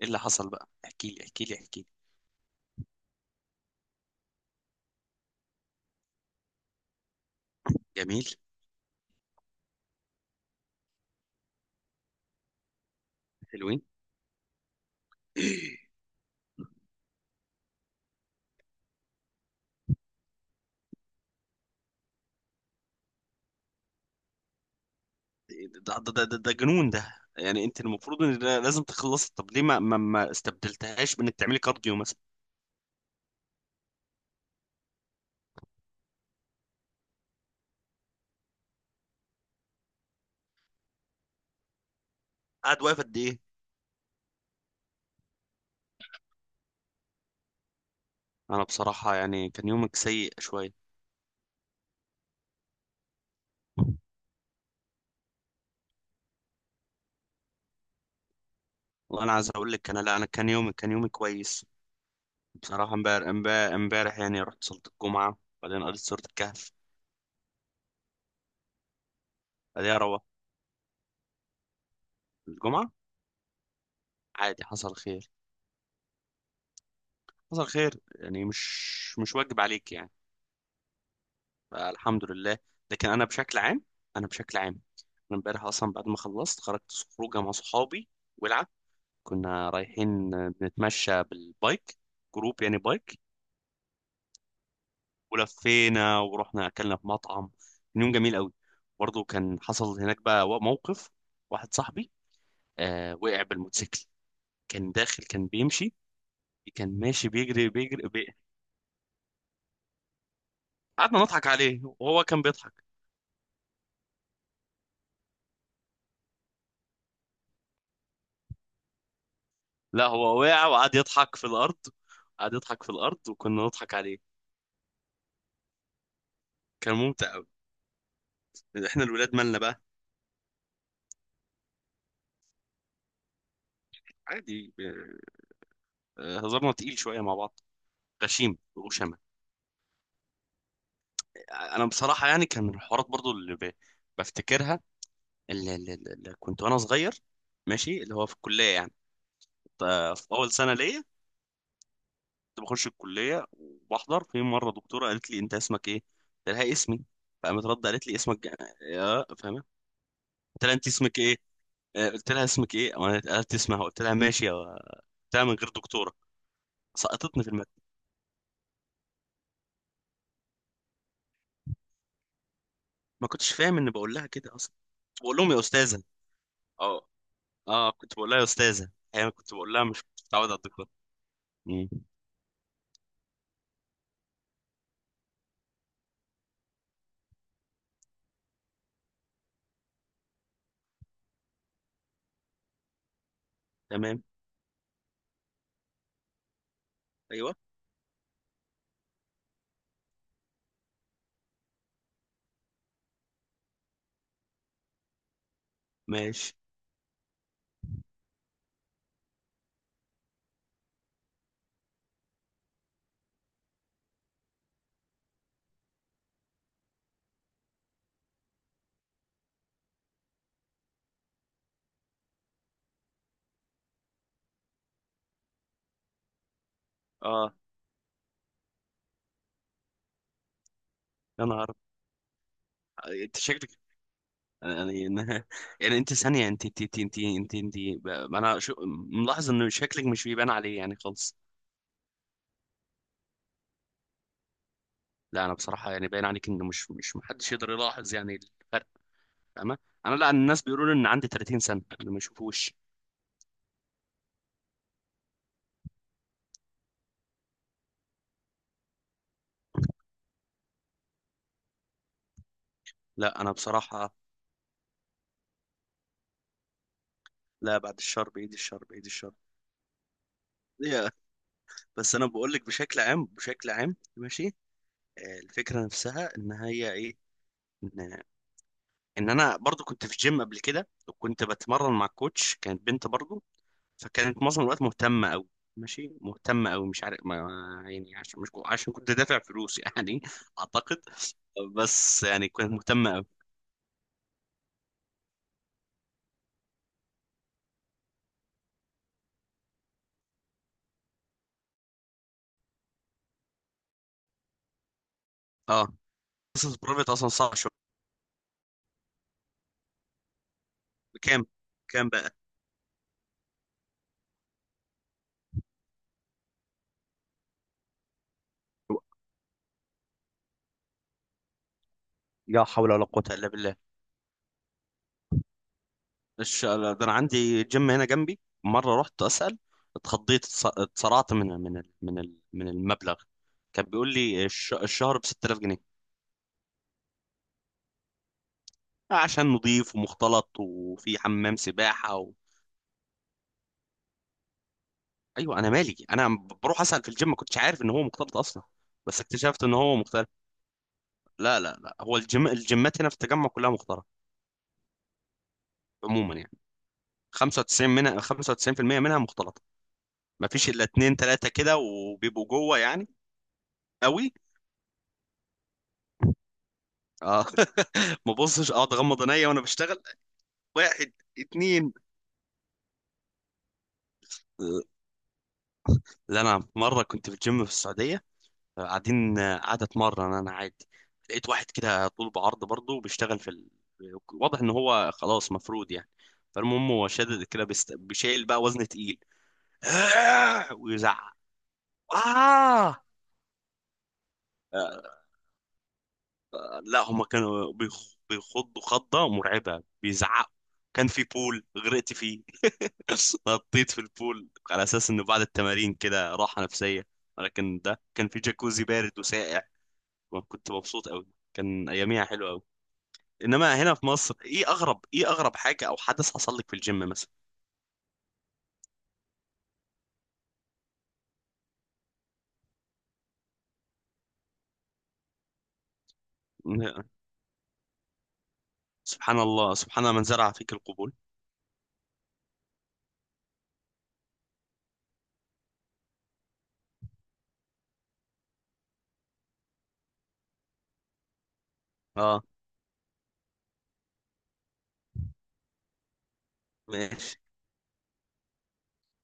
ايه اللي حصل بقى، احكي لي احكي لي احكي لي. جميل. حلوين. ده جنون، ده يعني انت المفروض ان ده لازم تخلص. طب ليه ما استبدلتهاش بانك تعملي كارديو مثلا؟ قاعد واقف قد ايه؟ انا بصراحة يعني كان يومك سيء شوية. وانا عايز اقول لك، انا، لا، انا كان يومي كويس. بصراحة امبارح يعني رحت صلاة الجمعة، بعدين قريت سورة الكهف. بعدين روح الجمعة. عادي، حصل خير. حصل خير، يعني مش واجب عليك يعني. فالحمد لله. لكن انا بشكل عام، انا امبارح اصلا بعد ما خلصت خرجت. خروجه مع صحابي، ولعه. كنا رايحين بنتمشى بالبايك، جروب يعني بايك. ولفينا ورحنا اكلنا في مطعم، كان يوم جميل قوي. برضه كان حصل هناك بقى موقف. واحد صاحبي آه وقع بالموتوسيكل. كان داخل، كان بيمشي، كان ماشي بيجري قعدنا نضحك عليه وهو كان بيضحك. لا هو وقع وقعد يضحك في الارض. قعد يضحك في الارض وكنا نضحك عليه. كان ممتع قوي. احنا الولاد مالنا بقى، عادي. هزارنا تقيل شويه مع بعض، غشيم وشمة. انا بصراحه يعني كان من الحوارات برضو بفتكرها، اللي كنت وانا صغير، ماشي اللي هو في الكليه يعني. ف- في اول سنه ليا كنت بخش الكليه وبحضر. في مره دكتوره قالت لي، انت اسمك ايه؟ قلت لها اسمي. فقامت رد قالت لي، اسمك يا فاهمه، قلت لها انت اسمك ايه. آه، قلت لها اسمك ايه، وانا قالت اسمها. قلت لها ماشي يا، قلت لها من غير دكتوره. سقطتني في الماده. ما كنتش فاهم ان بقول لها كده اصلا. كنت بقول لهم يا استاذه. اه اه كنت بقول لها يا استاذه. احيانا كنت بقول لها. مش كنت متعود على الدكتور. مم. تمام. ايوه. ماشي. اه. يا نهار أبيض! انت شكلك يعني يعني انت ثانيه، انت انا شو... ملاحظ ان شكلك مش بيبان عليه يعني خالص. لا انا بصراحه يعني باين عليك انه مش محدش يقدر يلاحظ يعني الفرق. فاهمة؟ انا لا، الناس بيقولوا لي ان عندي 30 سنة، اللي ما يشوفوش. لا انا بصراحة. لا، بعد الشر، بايد الشر، بايد الشر. ليه؟ بس انا بقول لك بشكل عام ماشي. آه، الفكرة نفسها ان هي ايه، ان ان انا برضو كنت في جيم قبل كده، وكنت بتمرن مع كوتش كانت بنت برضو. فكانت معظم الوقت مهتمة قوي، ماشي، مهتمة قوي. مش عارف، ما يعني عشان، مش عشان كنت دافع فلوس يعني اعتقد. بس يعني كانت مهتمة قوي. اه. قصة برايفت اصلا صعبة شوية. بكام؟ كام بقى؟ لا حول ولا قوة إلا بالله. ده أنا عندي جيم هنا جنبي، مرة رحت أسأل، اتخضيت، اتصرعت من، من المبلغ. كان بيقول لي الشهر ب 6000 جنيه. آه، عشان نضيف ومختلط وفي حمام سباحة و... أيوة أنا مالي، أنا بروح أسأل في الجيم، ما كنتش عارف إن هو مختلط أصلا. بس اكتشفت إن هو مختلط. لا، هو الجيمات هنا في التجمع كلها مختلطة عموما يعني. 95 منها، 95% منها مختلطة. ما فيش إلا اتنين تلاتة كده وبيبقوا جوه يعني. قوي. اه ما ببصش، اقعد اغمض عينيا وانا بشتغل. واحد، اتنين. لا انا مره كنت في الجيم في السعوديه، قاعدين، قاعده اتمرن انا عادي. لقيت واحد كده طول بعرض برضه بيشتغل في ال... واضح ان هو خلاص مفروض يعني. فالمهم هو شادد كده بيشيل بقى وزن تقيل ويزعق. آه! آه. لا هما كانوا بيخضوا خضة مرعبة، بيزعقوا. كان في بول غرقت فيه نطيت في البول على اساس انه بعد التمارين كده راحه نفسيه، ولكن ده كان في جاكوزي بارد وساقع. وكنت مبسوط قوي، كان اياميها حلوه قوي. انما هنا في مصر، ايه اغرب حاجه او حدث حصل لك في الجيم مثلا؟ سبحان الله، سبحان من زرع فيك القبول. اه. ماشي.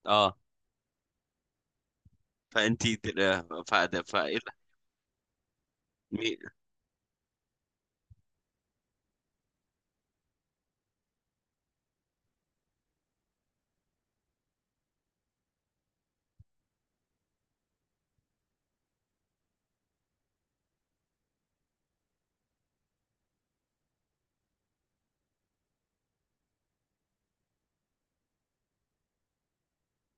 اه. فانتي فاده فايه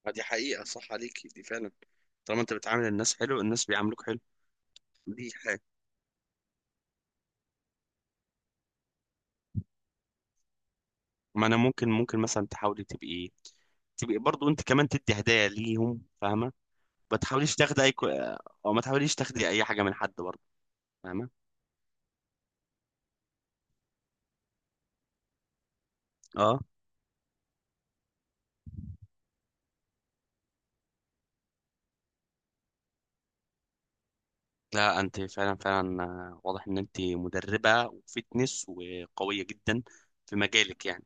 فدي حقيقة، صح عليكي دي فعلا. طالما انت بتعامل الناس حلو الناس بيعاملوك حلو. دي، ما انا ممكن مثلا تحاولي تبقي برضو انت كمان تدي هدايا ليهم، فاهمه؟ ما تحاوليش تاخدي اي كو... او ما تحاوليش تاخدي اي حاجه من حد برضو، فاهمه؟ اه. لا انت فعلا فعلا، آه، واضح ان انت مدربه وفتنس وقويه جدا في مجالك يعني.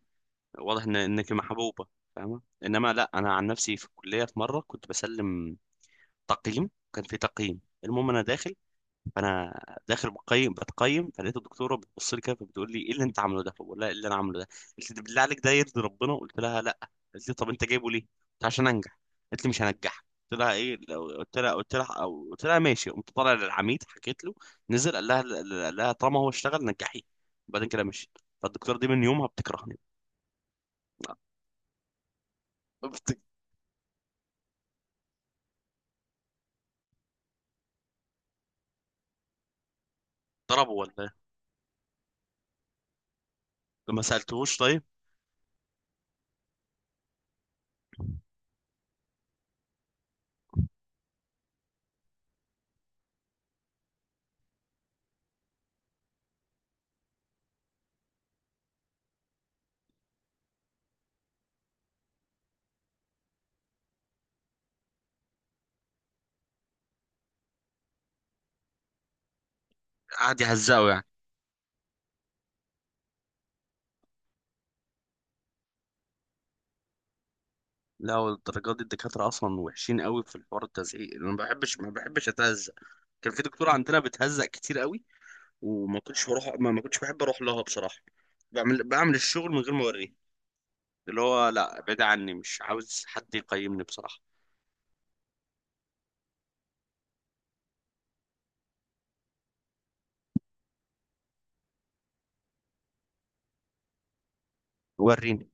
واضح ان انك محبوبه، فاهمه؟ انما لا، انا عن نفسي في الكليه، في مره كنت بسلم تقييم، كان في تقييم، المهم انا داخل. فانا داخل بتقيم، فلقيت الدكتوره بتبص لي كده، فبتقول لي ايه اللي انت عامله ده؟ فبقول لها ايه اللي انا عامله ده؟ قالت لي ده بالله عليك ده يرضي ربنا؟ قلت لها لا. قالت لي طب انت جايبه ليه؟ قلت عشان انجح. قالت لي مش هنجحك. قلت لها ماشي. قمت طالع للعميد، حكيت له. نزل، قال لها طالما هو اشتغل نجحيه. وبعدين كده مشيت. فالدكتوره دي من يومها بتكرهني. بت- ضربه ولا إيه؟ ما سالتهوش طيب؟ قعد يهزقه يعني. لا والدرجات دي، الدكاترة أصلا وحشين قوي في الحوار، التزعيق أنا ما بحبش، أتهزق. كان في دكتورة عندنا بتهزق كتير قوي وما كنتش بروح، ما كنتش بحب أروح لها بصراحة. بعمل الشغل من غير ما أوريه، اللي هو لا، بعيد عني، مش عاوز حد يقيمني بصراحة. وريني.